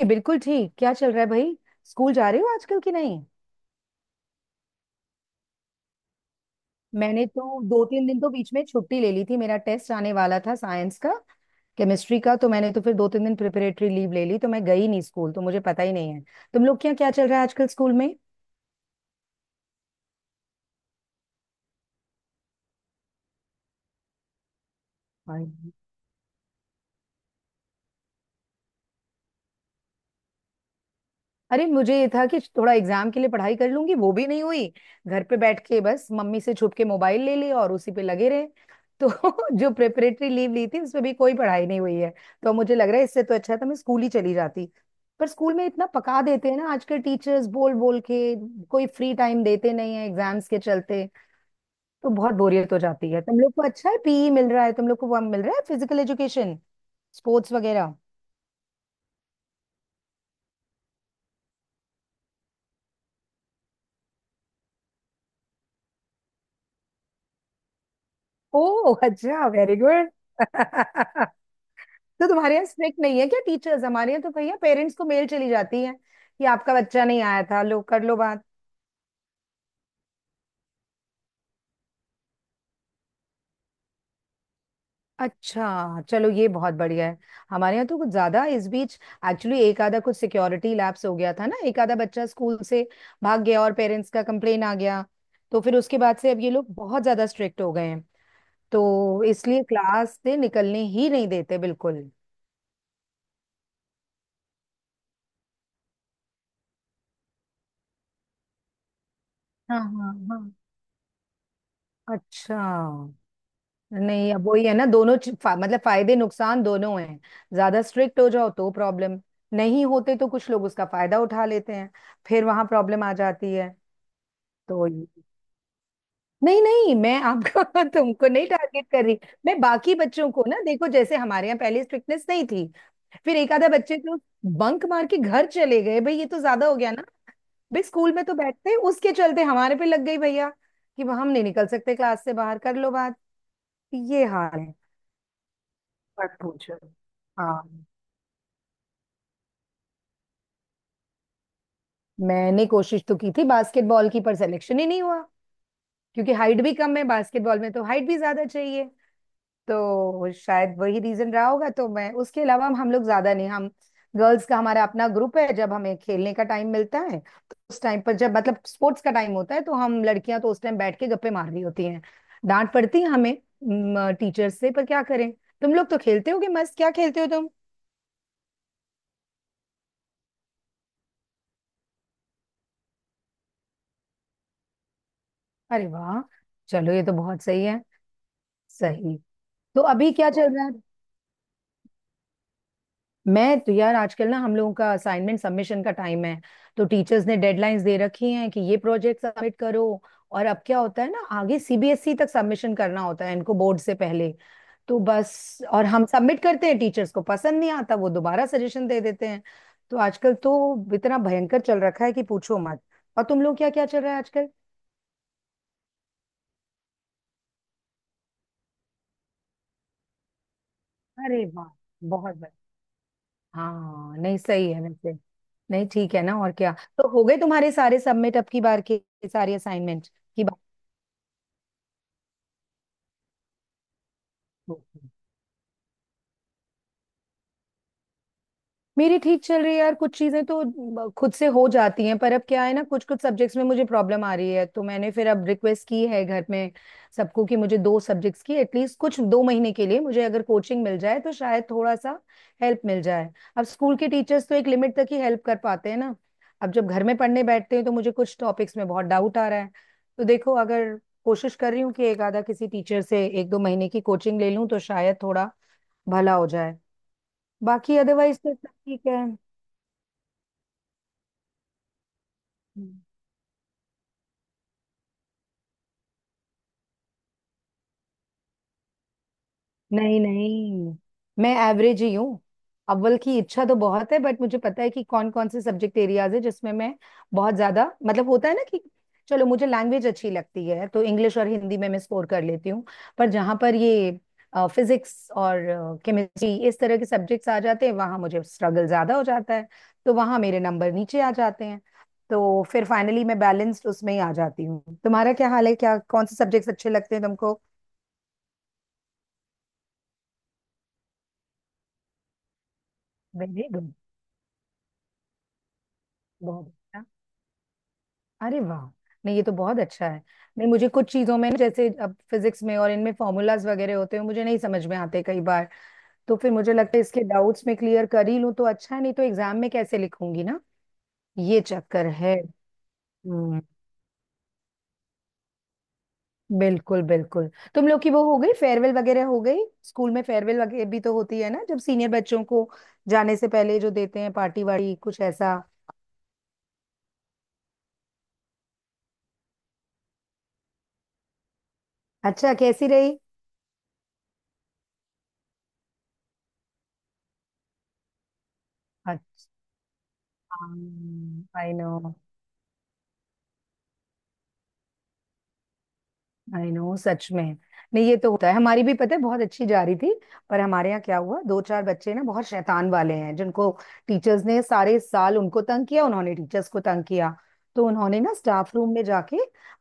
ये बिल्कुल ठीक। क्या चल रहा है भाई। स्कूल जा रहे हो आजकल कि नहीं। मैंने तो दो तीन दिन तो बीच में छुट्टी ले ली थी, मेरा टेस्ट आने वाला था साइंस का, केमिस्ट्री का। तो मैंने तो फिर दो तीन दिन प्रिपरेटरी लीव ले ली, तो मैं गई नहीं स्कूल। तो मुझे पता ही नहीं है तुम लोग क्या क्या चल रहा है आजकल स्कूल में। अरे मुझे ये था कि थोड़ा एग्जाम के लिए पढ़ाई कर लूंगी, वो भी नहीं हुई। घर पे बैठ के बस मम्मी से छुप के मोबाइल ले लिया और उसी पे लगे रहे। तो जो प्रिपरेटरी लीव ली थी उसमें भी कोई पढ़ाई नहीं हुई है। तो मुझे लग रहा है इससे तो अच्छा था मैं स्कूल ही चली जाती। पर स्कूल में इतना पका देते हैं ना आज के टीचर्स बोल बोल के। कोई फ्री टाइम देते नहीं है एग्जाम्स के चलते। तो बहुत बोरियत हो जाती है। तुम लोग को अच्छा है, पीई मिल रहा है तुम लोग को, वो मिल रहा है, फिजिकल एजुकेशन, स्पोर्ट्स वगैरह। ओह अच्छा, वेरी गुड। तो तुम्हारे यहाँ स्ट्रिक्ट नहीं है क्या टीचर्स। हमारे यहाँ तो भैया पेरेंट्स को मेल चली जाती है कि आपका बच्चा नहीं आया था। लो कर लो बात। अच्छा चलो ये बहुत बढ़िया है। हमारे यहाँ तो कुछ ज्यादा इस बीच एक्चुअली एक आधा कुछ सिक्योरिटी लैप्स हो गया था ना, एक आधा बच्चा स्कूल से भाग गया और पेरेंट्स का कंप्लेन आ गया। तो फिर उसके बाद से अब ये लोग बहुत ज्यादा स्ट्रिक्ट हो गए हैं। तो इसलिए क्लास से निकलने ही नहीं देते बिल्कुल। हाँ हाँ हाँ, अच्छा। नहीं अब वही है ना, दोनों मतलब फायदे नुकसान दोनों हैं। ज्यादा स्ट्रिक्ट हो जाओ तो प्रॉब्लम, नहीं होते तो कुछ लोग उसका फायदा उठा लेते हैं, फिर वहां प्रॉब्लम आ जाती है। तो ये- नहीं नहीं, मैं आपको तुमको नहीं टारगेट कर रही। मैं बाकी बच्चों को ना, देखो जैसे हमारे यहाँ पहले स्ट्रिक्टनेस नहीं थी, फिर एक आधा बच्चे तो बंक मार के घर चले गए। भाई ये तो ज्यादा हो गया ना। भाई स्कूल में तो बैठते हैं, उसके चलते हमारे पे लग गई भैया कि हम नहीं निकल सकते क्लास से बाहर। कर लो बात। ये हाल है। मत पूछो। हाँ। मैंने कोशिश तो की थी बास्केटबॉल की पर सिलेक्शन ही नहीं हुआ, क्योंकि हाइट भी कम है, बास्केटबॉल में तो हाइट भी ज्यादा चाहिए। तो शायद वही रीजन रहा होगा। तो मैं उसके अलावा हम लोग ज्यादा नहीं। हम गर्ल्स का हमारा अपना ग्रुप है। जब हमें खेलने का टाइम मिलता है तो उस टाइम पर, जब मतलब स्पोर्ट्स का टाइम होता है, तो हम लड़कियां तो उस टाइम बैठ के गप्पे मार रही होती हैं। डांट पड़ती है हमें टीचर से, पर क्या करें। तुम लोग तो खेलते होगे मस्त। क्या खेलते हो तुम। अरे वाह, चलो ये तो बहुत सही है। सही। तो अभी क्या चल रहा है। मैं तो यार आजकल ना हम लोगों का असाइनमेंट सबमिशन का टाइम है। तो टीचर्स ने डेडलाइंस दे रखी हैं कि ये प्रोजेक्ट सबमिट करो। और अब क्या होता है ना, आगे सीबीएसई तक सबमिशन करना होता है इनको बोर्ड से पहले। तो बस और हम सबमिट करते हैं, टीचर्स को पसंद नहीं आता, वो दोबारा सजेशन दे देते हैं। तो आजकल तो इतना भयंकर चल रखा है कि पूछो मत। और तुम लोग क्या क्या चल रहा है आजकल। अरे वाह बहुत। हाँ नहीं सही है वैसे। नहीं ठीक है ना और क्या। तो हो गए तुम्हारे सारे सबमिट अब की बार के, सारी असाइनमेंट की। बात। मेरी ठीक चल रही है यार, कुछ चीजें तो खुद से हो जाती हैं, पर अब क्या है ना, कुछ कुछ सब्जेक्ट्स में मुझे प्रॉब्लम आ रही है। तो मैंने फिर अब रिक्वेस्ट की है घर में सबको कि मुझे दो सब्जेक्ट्स की एटलीस्ट कुछ 2 महीने के लिए मुझे अगर कोचिंग मिल जाए तो शायद थोड़ा सा हेल्प मिल जाए। अब स्कूल के टीचर्स तो एक लिमिट तक ही हेल्प कर पाते हैं ना। अब जब घर में पढ़ने बैठते हैं तो मुझे कुछ टॉपिक्स में बहुत डाउट आ रहा है। तो देखो अगर कोशिश कर रही हूँ कि एक आधा किसी टीचर से एक दो महीने की कोचिंग ले लूँ तो शायद थोड़ा भला हो जाए। बाकी अदरवाइज तो सब ठीक है। नहीं नहीं, मैं एवरेज ही हूँ। अव्वल की इच्छा तो बहुत है बट मुझे पता है कि कौन कौन से सब्जेक्ट एरियाज है जिसमें मैं बहुत ज्यादा मतलब होता है ना कि, चलो मुझे लैंग्वेज अच्छी लगती है तो इंग्लिश और हिंदी में मैं स्कोर कर लेती हूँ। पर जहाँ पर ये फिजिक्स और केमिस्ट्री इस तरह के सब्जेक्ट्स आ जाते हैं वहाँ मुझे स्ट्रगल ज्यादा हो जाता है। तो वहाँ मेरे नंबर नीचे आ जाते हैं। तो फिर फाइनली मैं बैलेंस्ड उसमें ही आ जाती हूँ। तुम्हारा क्या हाल है, क्या कौन से सब्जेक्ट्स अच्छे लगते हैं तुमको। Very good. बहुत। अरे वाह। नहीं ये तो बहुत अच्छा है। नहीं मुझे कुछ चीजों में ना, जैसे अब फिजिक्स में और इनमें फॉर्मूलाज वगैरह होते हैं, मुझे नहीं समझ में आते कई बार। तो फिर मुझे लगता है इसके डाउट्स में क्लियर कर ही लूं तो अच्छा है, नहीं तो एग्जाम में कैसे लिखूंगी ना। ये चक्कर है। हम्म। बिल्कुल बिल्कुल। तुम लोग की वो हो गई, फेयरवेल वगैरह हो गई। स्कूल में फेयरवेल वगैरह भी तो होती है ना, जब सीनियर बच्चों को जाने से पहले जो देते हैं, पार्टी वार्टी कुछ ऐसा। अच्छा कैसी रही। अच्छा। आई नो आई नो सच में। नहीं ये तो होता है, हमारी भी पता है बहुत अच्छी जा रही थी। पर हमारे यहाँ क्या हुआ, दो चार बच्चे ना बहुत शैतान वाले हैं जिनको टीचर्स ने सारे साल उनको तंग किया, उन्होंने टीचर्स को तंग किया। तो उन्होंने ना स्टाफ रूम में जाके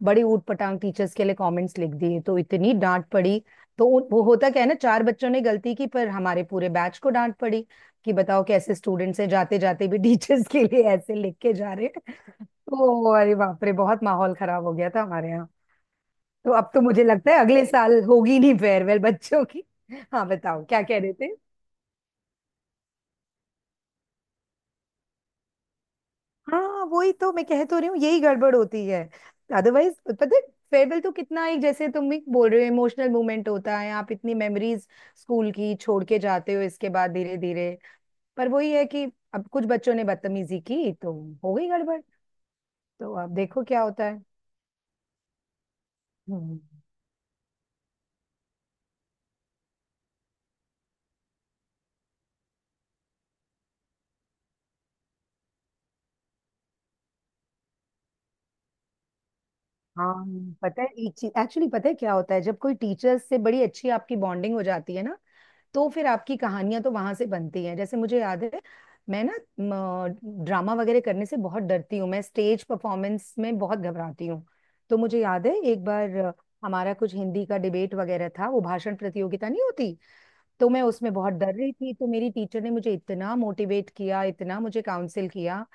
बड़ी ऊटपटांग टीचर्स के लिए कमेंट्स लिख दिए, तो इतनी डांट पड़ी। तो वो होता क्या है ना, चार बच्चों ने गलती की पर हमारे पूरे बैच को डांट पड़ी कि बताओ कैसे स्टूडेंट्स हैं, जाते जाते भी टीचर्स के लिए ऐसे लिख के जा रहे हैं। तो अरे बाप रे, बहुत माहौल खराब हो गया था हमारे। तो अब तो मुझे लगता है अगले साल होगी नहीं फेयरवेल बच्चों की। हाँ बताओ क्या कह रहे थे। हाँ वही तो मैं कह तो रही हूँ, यही गड़बड़ होती है। अदरवाइज पता है, फेयरवेल तो कितना एक, जैसे तुम भी बोल रहे हो, इमोशनल मोमेंट होता है। आप इतनी मेमोरीज स्कूल की छोड़ के जाते हो इसके बाद, धीरे धीरे। पर वही है कि अब कुछ बच्चों ने बदतमीजी की तो हो गई गड़बड़। तो अब देखो क्या होता है। हम्म। हाँ। पता है एक चीज एक्चुअली, पता है क्या होता है, जब कोई टीचर्स से बड़ी अच्छी आपकी बॉन्डिंग हो जाती है ना, तो फिर आपकी कहानियां तो वहां से बनती हैं। जैसे मुझे याद है, मैं ना ड्रामा वगैरह करने से बहुत डरती हूँ, मैं स्टेज परफॉर्मेंस में बहुत घबराती हूँ। तो मुझे याद है एक बार हमारा कुछ हिंदी का डिबेट वगैरह था, वो भाषण प्रतियोगिता नहीं होती। तो मैं उसमें बहुत डर रही थी, तो मेरी टीचर ने मुझे इतना मोटिवेट किया, इतना मुझे काउंसिल किया।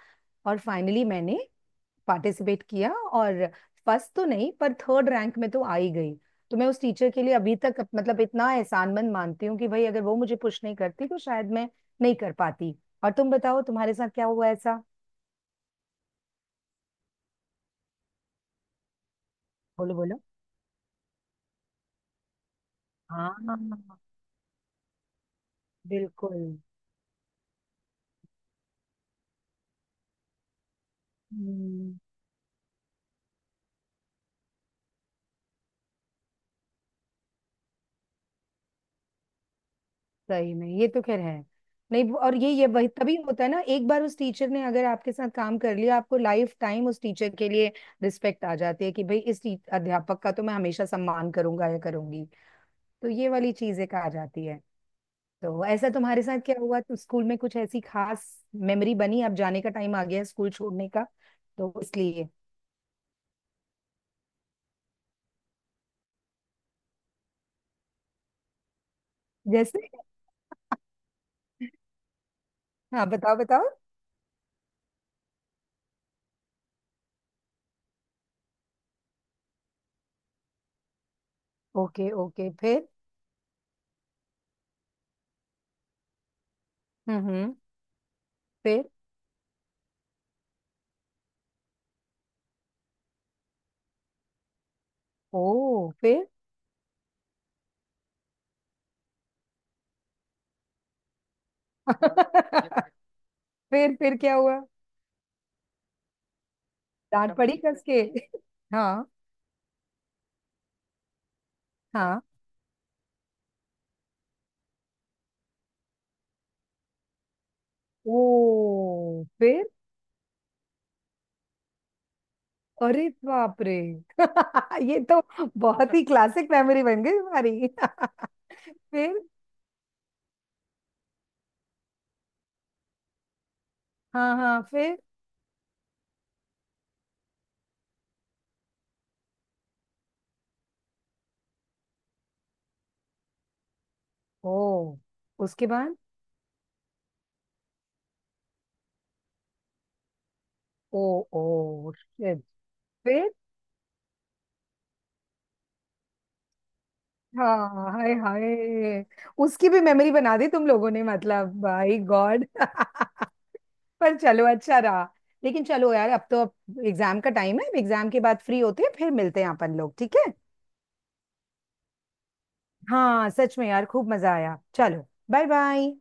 और फाइनली मैंने पार्टिसिपेट किया और फर्स्ट तो नहीं पर थर्ड रैंक में तो आ ही गई। तो मैं उस टीचर के लिए अभी तक मतलब इतना एहसानमंद मानती हूँ कि भाई अगर वो मुझे पुश नहीं करती तो शायद मैं नहीं कर पाती। और तुम बताओ तुम्हारे साथ क्या हुआ ऐसा। बोलो बोलो। हाँ। बिल्कुल। हम्म, सही में ये तो खैर है। नहीं और ये वही तभी होता है ना, एक बार उस टीचर ने अगर आपके साथ काम कर लिया आपको लाइफ टाइम उस टीचर के लिए रिस्पेक्ट आ जाती है कि भाई इस अध्यापक का तो मैं हमेशा सम्मान करूंगा या करूंगी। तो ये वाली चीजें कहा जाती है। तो ऐसा तुम्हारे साथ क्या हुआ तो स्कूल में कुछ ऐसी खास मेमोरी बनी, अब जाने का टाइम आ गया है स्कूल छोड़ने का, तो इसलिए। जैसे। हाँ बताओ बताओ। ओके ओके फिर। हम्म। फिर। ओ फिर। फिर क्या हुआ। डांट पड़ी कस के। हाँ हाँ। ओ फिर। अरे बाप रे। ये तो बहुत ही क्लासिक मेमोरी बन गई हमारी। फिर। हाँ हाँ। ओ उसके बाद। ओ ओ शिट। फिर। हाँ हाय हाय। उसकी भी मेमोरी बना दी तुम लोगों ने, मतलब बाय गॉड। पर चलो अच्छा रहा। लेकिन चलो यार अब तो, अब एग्जाम का टाइम है, एग्जाम के बाद फ्री होते हैं फिर मिलते हैं अपन लोग, ठीक है। हाँ सच में यार खूब मजा आया, चलो। Bye bye.